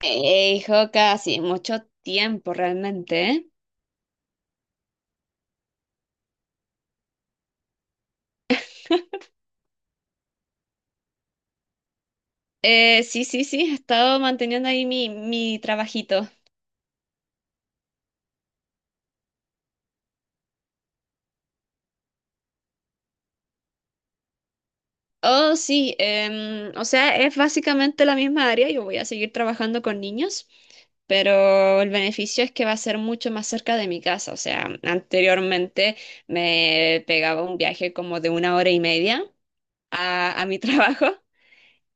Hey, Joka, sí, mucho tiempo realmente, ¿eh? Sí, he estado manteniendo ahí mi trabajito. Oh, sí, o sea, es básicamente la misma área, yo voy a seguir trabajando con niños, pero el beneficio es que va a ser mucho más cerca de mi casa, o sea, anteriormente me pegaba un viaje como de 1 hora y media a mi trabajo.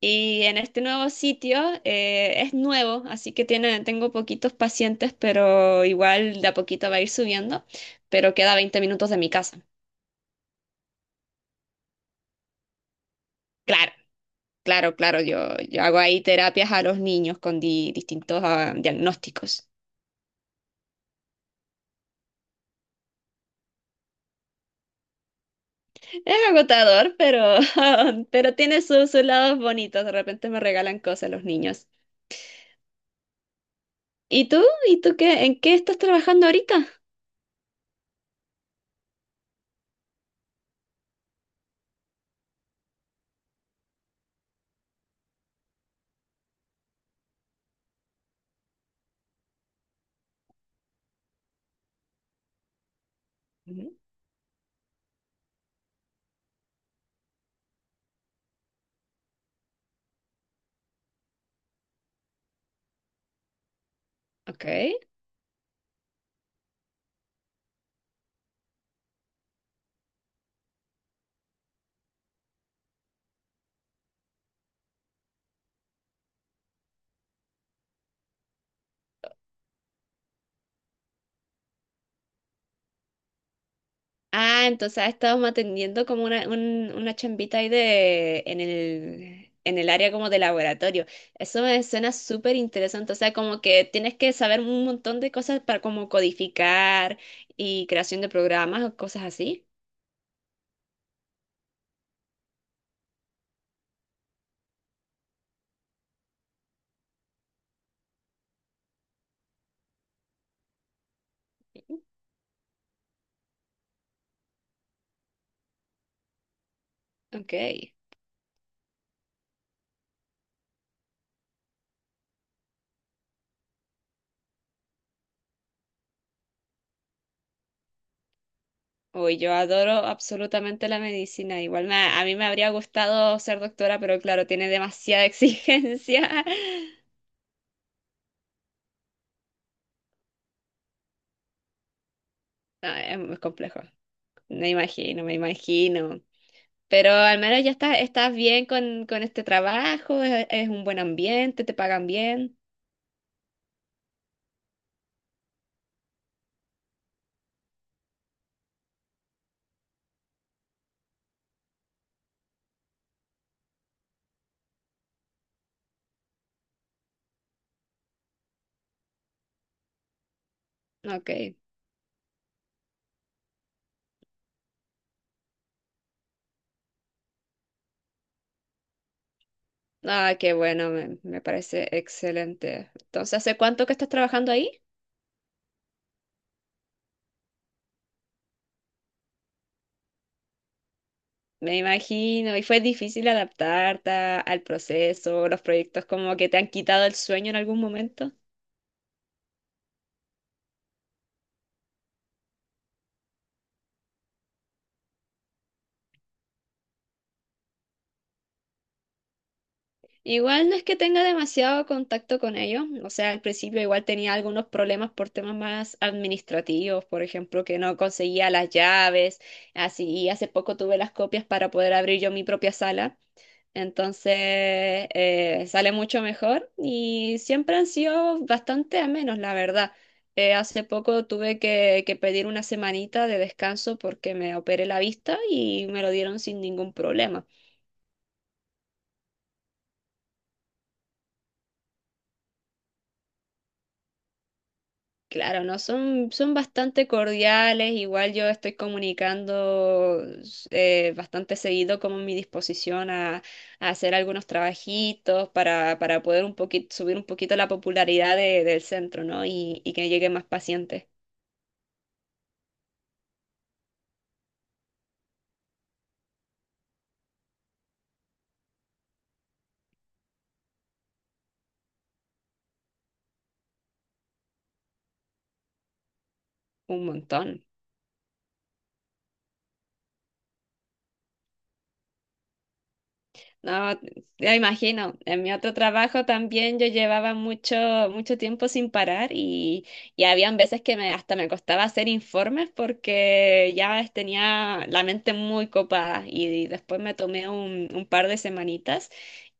Y en este nuevo sitio es nuevo, así que tengo poquitos pacientes, pero igual de a poquito va a ir subiendo, pero queda 20 minutos de mi casa. Claro, claro, claro, yo hago ahí terapias a los niños con distintos diagnósticos. Es agotador, pero pero tiene sus lados bonitos, de repente me regalan cosas los niños. ¿Y tú? ¿Y tú qué? ¿En qué estás trabajando ahorita? Ujú. Ok. Ah, entonces has atendiendo como una chambita ahí de, en en el área como de laboratorio. Eso me suena súper interesante. O sea, como que tienes que saber un montón de cosas para como codificar y creación de programas o cosas así. Ok. Uy, yo adoro absolutamente la medicina. Igual a mí me habría gustado ser doctora, pero claro, tiene demasiada exigencia. No, es muy complejo. Me imagino, me imagino. Pero al menos ya estás bien con este trabajo, es un buen ambiente, te pagan bien. Ok. Ah, qué bueno, me parece excelente. Entonces, ¿hace cuánto que estás trabajando ahí? Me imagino, y fue difícil adaptarte al proceso, los proyectos como que te han quitado el sueño en algún momento. Igual no es que tenga demasiado contacto con ellos, o sea, al principio igual tenía algunos problemas por temas más administrativos, por ejemplo, que no conseguía las llaves, así, y hace poco tuve las copias para poder abrir yo mi propia sala, entonces sale mucho mejor y siempre han sido bastante amenos, la verdad. Hace poco tuve que pedir una semanita de descanso porque me operé la vista y me lo dieron sin ningún problema. Claro, no, son bastante cordiales, igual yo estoy comunicando bastante seguido como mi disposición a hacer algunos trabajitos para poder un poquito, subir un poquito la popularidad del centro, ¿no? Y que lleguen más pacientes, un montón. No, ya imagino. En mi otro trabajo también yo llevaba mucho, mucho tiempo sin parar y habían veces que me, hasta me costaba hacer informes porque ya tenía la mente muy copada y después me tomé un par de semanitas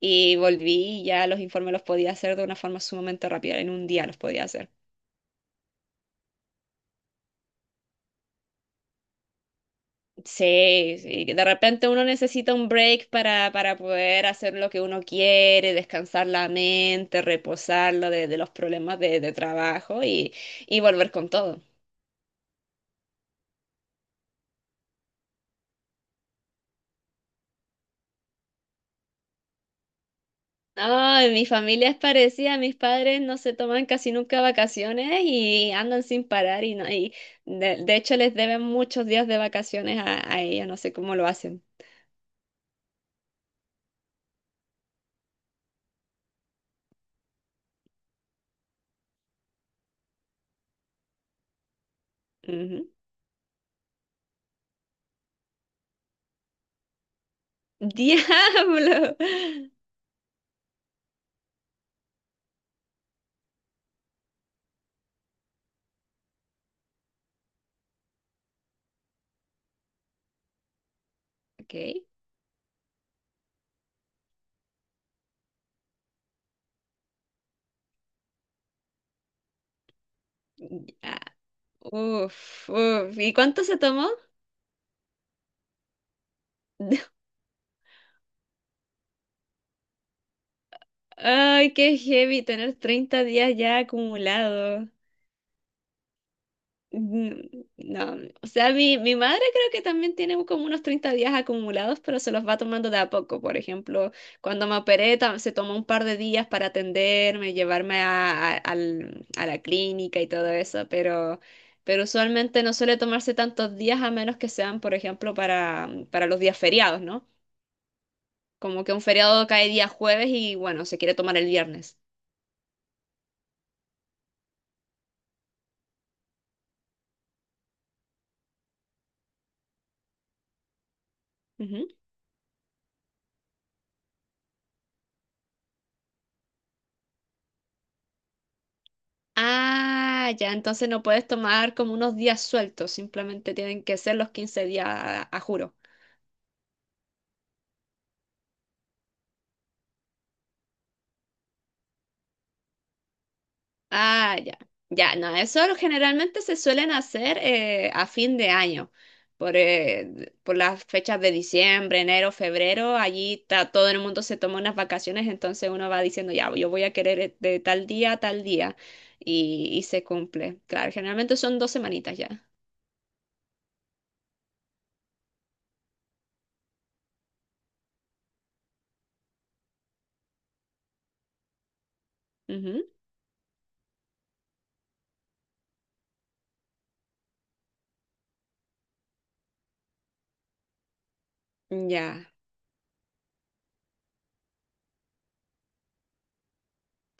y volví y ya los informes los podía hacer de una forma sumamente rápida. En un día los podía hacer. Sí, sí, que de repente uno necesita un break para poder hacer lo que uno quiere, descansar la mente, reposarlo de los problemas de trabajo y volver con todo. Ay, mi familia es parecida, mis padres no se toman casi nunca vacaciones y andan sin parar y, no, y de hecho les deben muchos días de vacaciones a ella, no sé cómo lo hacen. Ujú. ¡Diablo! Ok. Ya. Uf, uf. ¿Y cuánto se tomó? Ay, qué heavy tener 30 días ya acumulados. Mm, No, o sea, mi madre creo que también tiene como unos 30 días acumulados, pero se los va tomando de a poco. Por ejemplo, cuando me operé, se tomó un par de días para atenderme, llevarme a la clínica y todo eso, pero usualmente no suele tomarse tantos días a menos que sean, por ejemplo, para los días feriados, ¿no? Como que un feriado cae día jueves y bueno, se quiere tomar el viernes. Ujú. Ah, ya, entonces no puedes tomar como unos días sueltos, simplemente tienen que ser los 15 días a juro. Ah, ya, ya, no, eso generalmente se suelen hacer a fin de año, por las fechas de diciembre, enero, febrero, allí está, todo el mundo se toma unas vacaciones, entonces uno va diciendo, ya, yo voy a querer de tal día a tal día, y se cumple. Claro, generalmente son dos semanitas ya. Ujú. Ya.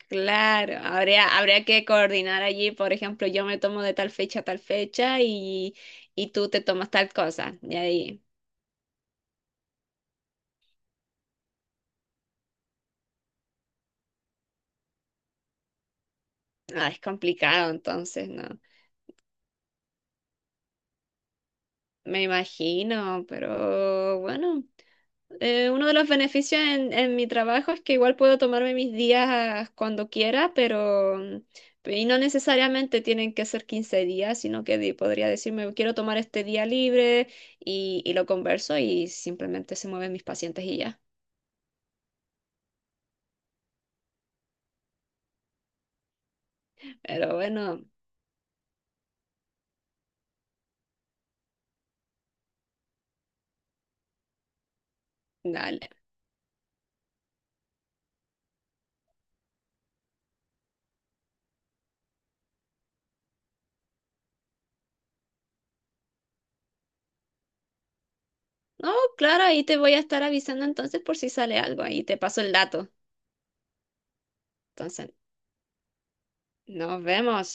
Claro, habría, habría que coordinar allí, por ejemplo, yo me tomo de tal fecha a tal fecha y tú te tomas tal cosa. Y ahí, ah, es complicado, entonces, ¿no? Me imagino, pero bueno, uno de los beneficios en mi trabajo es que igual puedo tomarme mis días cuando quiera, pero... Y no necesariamente tienen que ser 15 días, sino que podría decirme, quiero tomar este día libre y lo converso y simplemente se mueven mis pacientes y ya. Pero bueno, dale. No, claro, ahí te voy a estar avisando entonces por si sale algo. Ahí te paso el dato. Entonces, nos vemos.